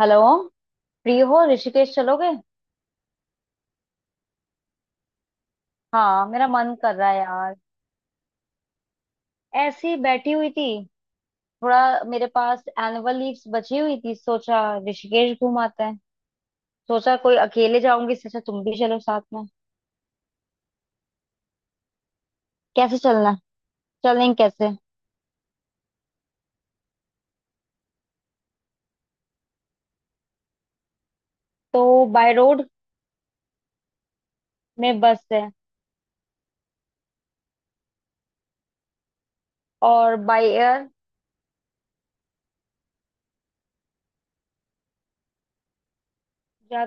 Hello. Free हो, ऋषिकेश चलोगे? हाँ, मेरा मन कर रहा है यार। ऐसे ही बैठी हुई थी। थोड़ा, मेरे पास एनुअल लीव्स बची हुई थी, सोचा ऋषिकेश घूम आते हैं। सोचा कोई अकेले जाऊंगी, सोचा तुम भी चलो साथ में। कैसे चलना है? चलेंगे कैसे? तो बाय रोड में बस है। और बाय एयर, या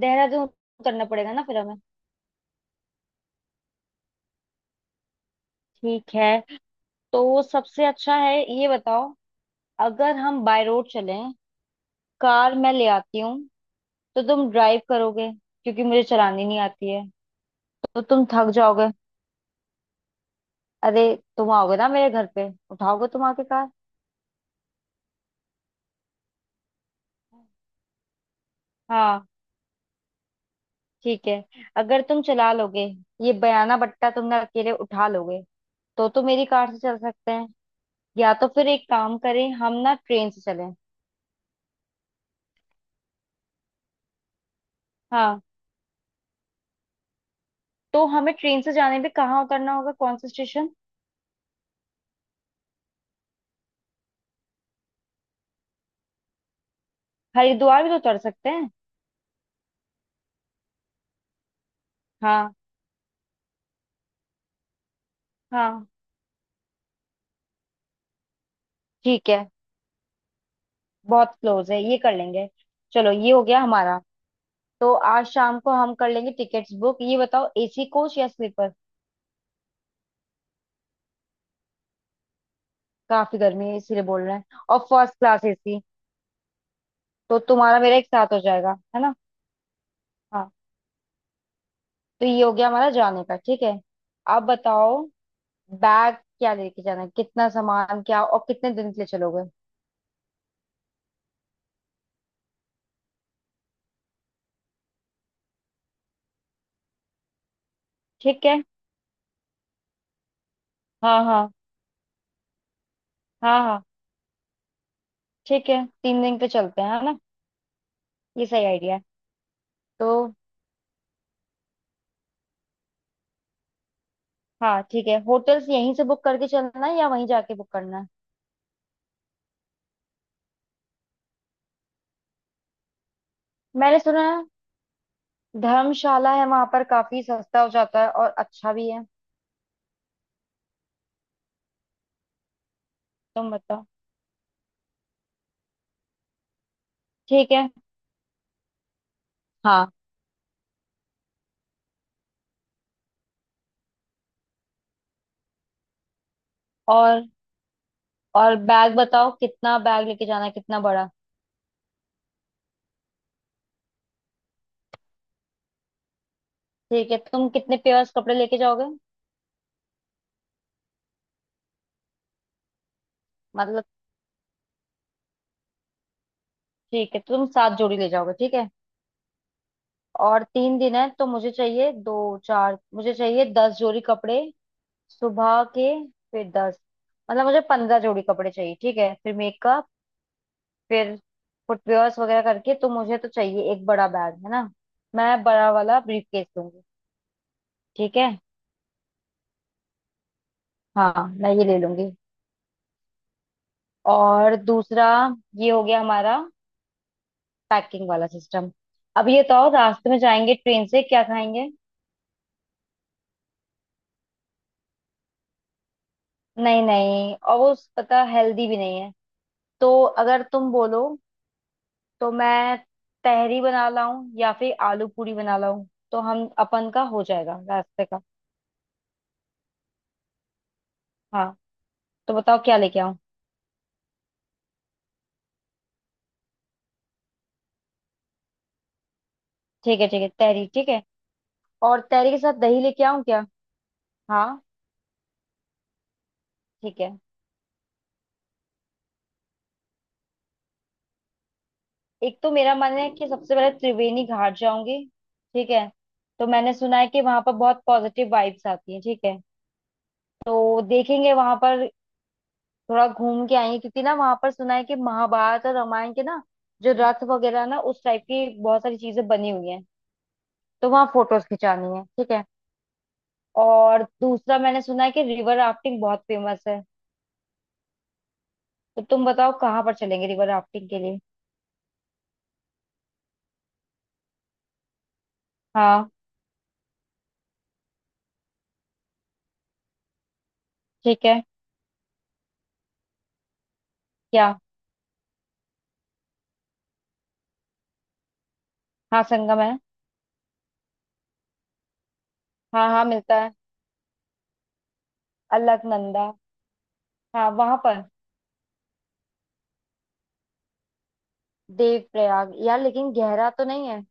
देहरादून करना पड़ेगा ना फिर हमें? ठीक है। तो सबसे अच्छा है ये बताओ, अगर हम बाय रोड चलें, कार मैं ले आती हूँ, तो तुम ड्राइव करोगे, क्योंकि मुझे चलानी नहीं आती है, तो तुम थक जाओगे। अरे, तुम आओगे ना मेरे घर पे, उठाओगे तुम आके कार। हाँ ठीक है, अगर तुम चला लोगे ये बयाना बट्टा तुमने अकेले उठा लोगे, तो मेरी कार से चल सकते हैं। या तो फिर एक काम करें, हम ना ट्रेन से चलें। हाँ, तो हमें ट्रेन से जाने में कहाँ उतरना होगा, कौन सा स्टेशन? हरिद्वार भी तो उतर सकते हैं। हाँ। हाँ ठीक है, बहुत क्लोज है, ये कर लेंगे। चलो ये हो गया हमारा। तो आज शाम को हम कर लेंगे टिकट्स बुक। ये बताओ, एसी कोच या स्लीपर? काफी गर्मी है इसीलिए बोल रहे हैं। और फर्स्ट क्लास एसी? तो तुम्हारा मेरा एक साथ हो जाएगा है ना? हाँ। तो ये हो गया हमारा जाने का, ठीक है। अब बताओ, बैग क्या लेके जाना है, कितना सामान, क्या और कितने दिन के लिए चलोगे? ठीक है। हाँ हाँ हाँ हाँ, ठीक है, 3 दिन पे चलते हैं, है ना? ये सही आइडिया है। तो हाँ ठीक है, होटल्स यहीं से बुक करके चलना है या वहीं जाके बुक करना है? मैंने सुना है, धर्मशाला है वहां पर, काफी सस्ता हो जाता है और अच्छा भी है। तुम बताओ। ठीक है। हाँ। और और बैग बताओ, कितना बैग लेके जाना है, कितना बड़ा? ठीक है, तुम कितने पेयर्स कपड़े लेके जाओगे? मतलब, ठीक है, तुम 7 जोड़ी ले जाओगे, ठीक है। और 3 दिन है, तो मुझे चाहिए दो चार, मुझे चाहिए 10 जोड़ी कपड़े सुबह के, फिर दस। मतलब मुझे 15 जोड़ी कपड़े चाहिए, ठीक है। फिर मेकअप, फिर फुटवेयर्स वगैरह करके, तो मुझे तो चाहिए एक बड़ा बैग, है ना? मैं बड़ा वाला ब्रीफकेस। ठीक है। हाँ, मैं ये ले लूंगी। और दूसरा, ये हो गया हमारा पैकिंग वाला सिस्टम। अब ये तो रास्ते में जाएंगे, ट्रेन से क्या खाएंगे? नहीं नहीं, और वो पता हेल्दी भी नहीं है। तो अगर तुम बोलो, तो मैं तहरी बना लाऊं या फिर आलू पूरी बना लाऊं, तो हम अपन का हो जाएगा रास्ते का। हाँ, तो बताओ क्या लेके आऊं? ठीक है ठीक है, तहरी ठीक है। और तहरी के साथ दही लेके आऊं क्या? हाँ ठीक है। एक तो मेरा मन है कि सबसे पहले त्रिवेणी घाट जाऊंगी, ठीक है। तो मैंने सुना है कि वहां पर बहुत पॉजिटिव वाइब्स आती है, ठीक है। तो देखेंगे वहां पर, थोड़ा घूम के आएंगे, क्योंकि ना वहां पर सुना है कि महाभारत और रामायण के ना जो रथ वगैरह ना, उस टाइप की बहुत सारी चीजें बनी हुई हैं। तो वहां फोटोज खिंचानी है, ठीक है। और दूसरा मैंने सुना है कि रिवर राफ्टिंग बहुत फेमस है। तो तुम बताओ कहाँ पर चलेंगे रिवर राफ्टिंग के लिए? हाँ। ठीक है। क्या? हाँ संगम है। हाँ हाँ मिलता है। अलकनंदा, हाँ वहां पर। देव प्रयाग यार, लेकिन गहरा तो नहीं है?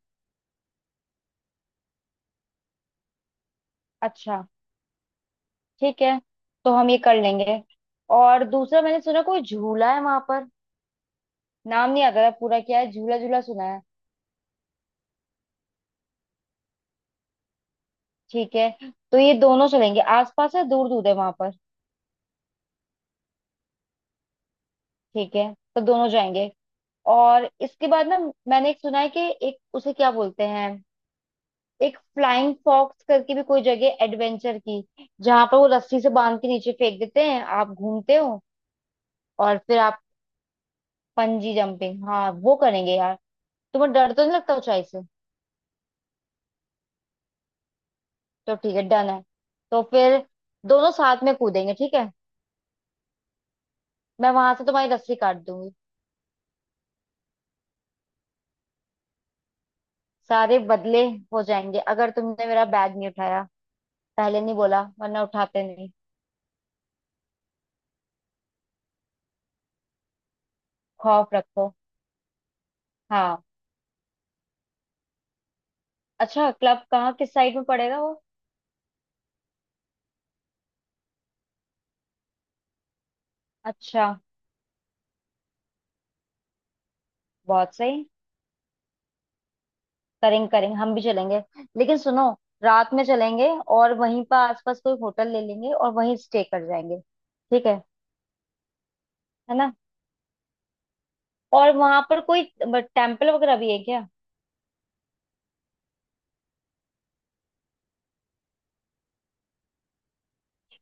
अच्छा। ठीक है। तो हम ये कर लेंगे। और दूसरा मैंने सुना कोई झूला है वहां पर, नाम नहीं आता था पूरा क्या है, झूला झूला सुना है। ठीक है, तो ये दोनों चलेंगे, आसपास है, दूर दूर है वहां पर? ठीक है, तो दोनों जाएंगे। और इसके बाद ना, मैंने एक सुना है कि, एक उसे क्या बोलते हैं, एक फ्लाइंग फॉक्स करके भी कोई जगह एडवेंचर की, जहां पर वो रस्सी से बांध के नीचे फेंक देते हैं, आप घूमते हो और फिर आप, पंजी जंपिंग, हाँ वो करेंगे यार। तुम्हें डर तो नहीं लगता ऊंचाई से? तो ठीक है, डन है। तो फिर दोनों साथ में कूदेंगे, ठीक है। मैं वहां से तुम्हारी रस्सी काट दूंगी। सारे बदले हो जाएंगे अगर तुमने मेरा बैग नहीं उठाया। पहले नहीं बोला, वरना उठाते नहीं। खौफ रखो। हाँ। अच्छा, क्लब कहाँ, किस साइड में पड़ेगा वो? अच्छा। बहुत सही। करेंगे करेंगे, हम भी चलेंगे। लेकिन सुनो, रात में चलेंगे, और वहीं पर आसपास कोई होटल ले लेंगे और वहीं स्टे कर जाएंगे। ठीक है ना। और वहां पर कोई टेम्पल वगैरह भी है क्या?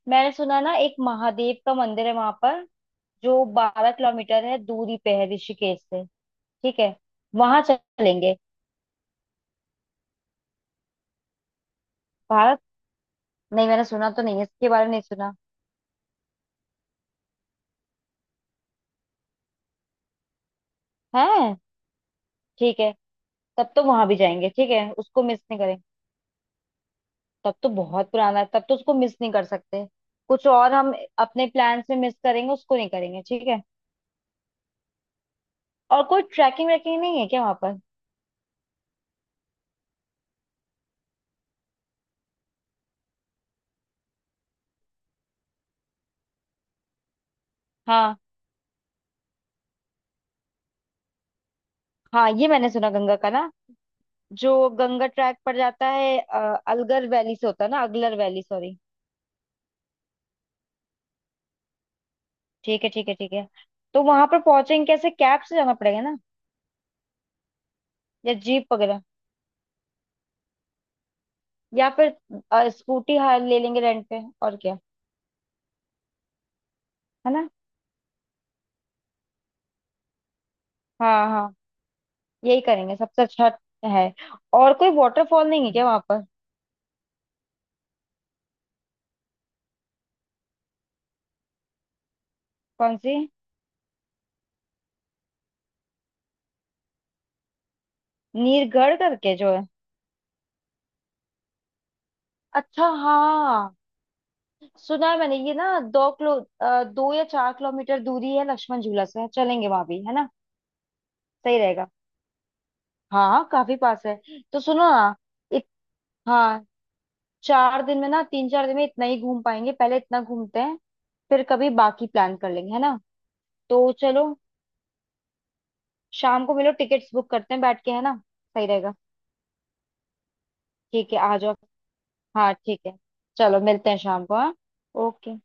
मैंने सुना ना एक महादेव का मंदिर है वहां पर, जो 12 किलोमीटर है, दूरी पे है ऋषिकेश से। ठीक है, वहां चलेंगे। भारत? नहीं, मैंने सुना तो नहीं है, इसके बारे में नहीं सुना है। ठीक है, तब तो वहां भी जाएंगे, ठीक है, उसको मिस नहीं करें। तब तो बहुत पुराना है, तब तो उसको मिस नहीं कर सकते। कुछ और हम अपने प्लान्स में मिस करेंगे, उसको नहीं करेंगे, ठीक है। और कोई ट्रैकिंग वैकिंग नहीं है क्या वहां पर? हाँ हाँ, ये मैंने सुना गंगा का ना, जो गंगा ट्रैक पड़ जाता है, अलगर वैली से होता है ना, अगलर वैली सॉरी। ठीक है ठीक है ठीक है। तो वहां पर पहुंचेंगे कैसे, कैब से जाना पड़ेगा ना, या जीप वगैरह, या फिर स्कूटी हाँ ले लेंगे रेंट पे, और क्या, है ना। हाँ हाँ, यही करेंगे सबसे अच्छा है। और कोई वाटरफॉल नहीं है क्या वहां पर? कौन सी? नीरगढ़ करके जो है? अच्छा हाँ। सुना है मैंने, ये ना दो किलो, 2 या 4 किलोमीटर दूरी है लक्ष्मण झूला से, चलेंगे वहां भी, है ना? सही रहेगा। हाँ काफी पास है। तो सुनो ना, इत, हाँ, 4 दिन में ना, तीन चार दिन में इतना ही घूम पाएंगे, पहले इतना घूमते हैं, फिर कभी बाकी प्लान कर लेंगे, है ना? तो चलो शाम को मिलो, टिकट्स बुक करते हैं बैठ के, है ना, सही रहेगा। ठीक है, आ जाओ। हाँ ठीक है। चलो मिलते हैं शाम को, हाँ। ओके।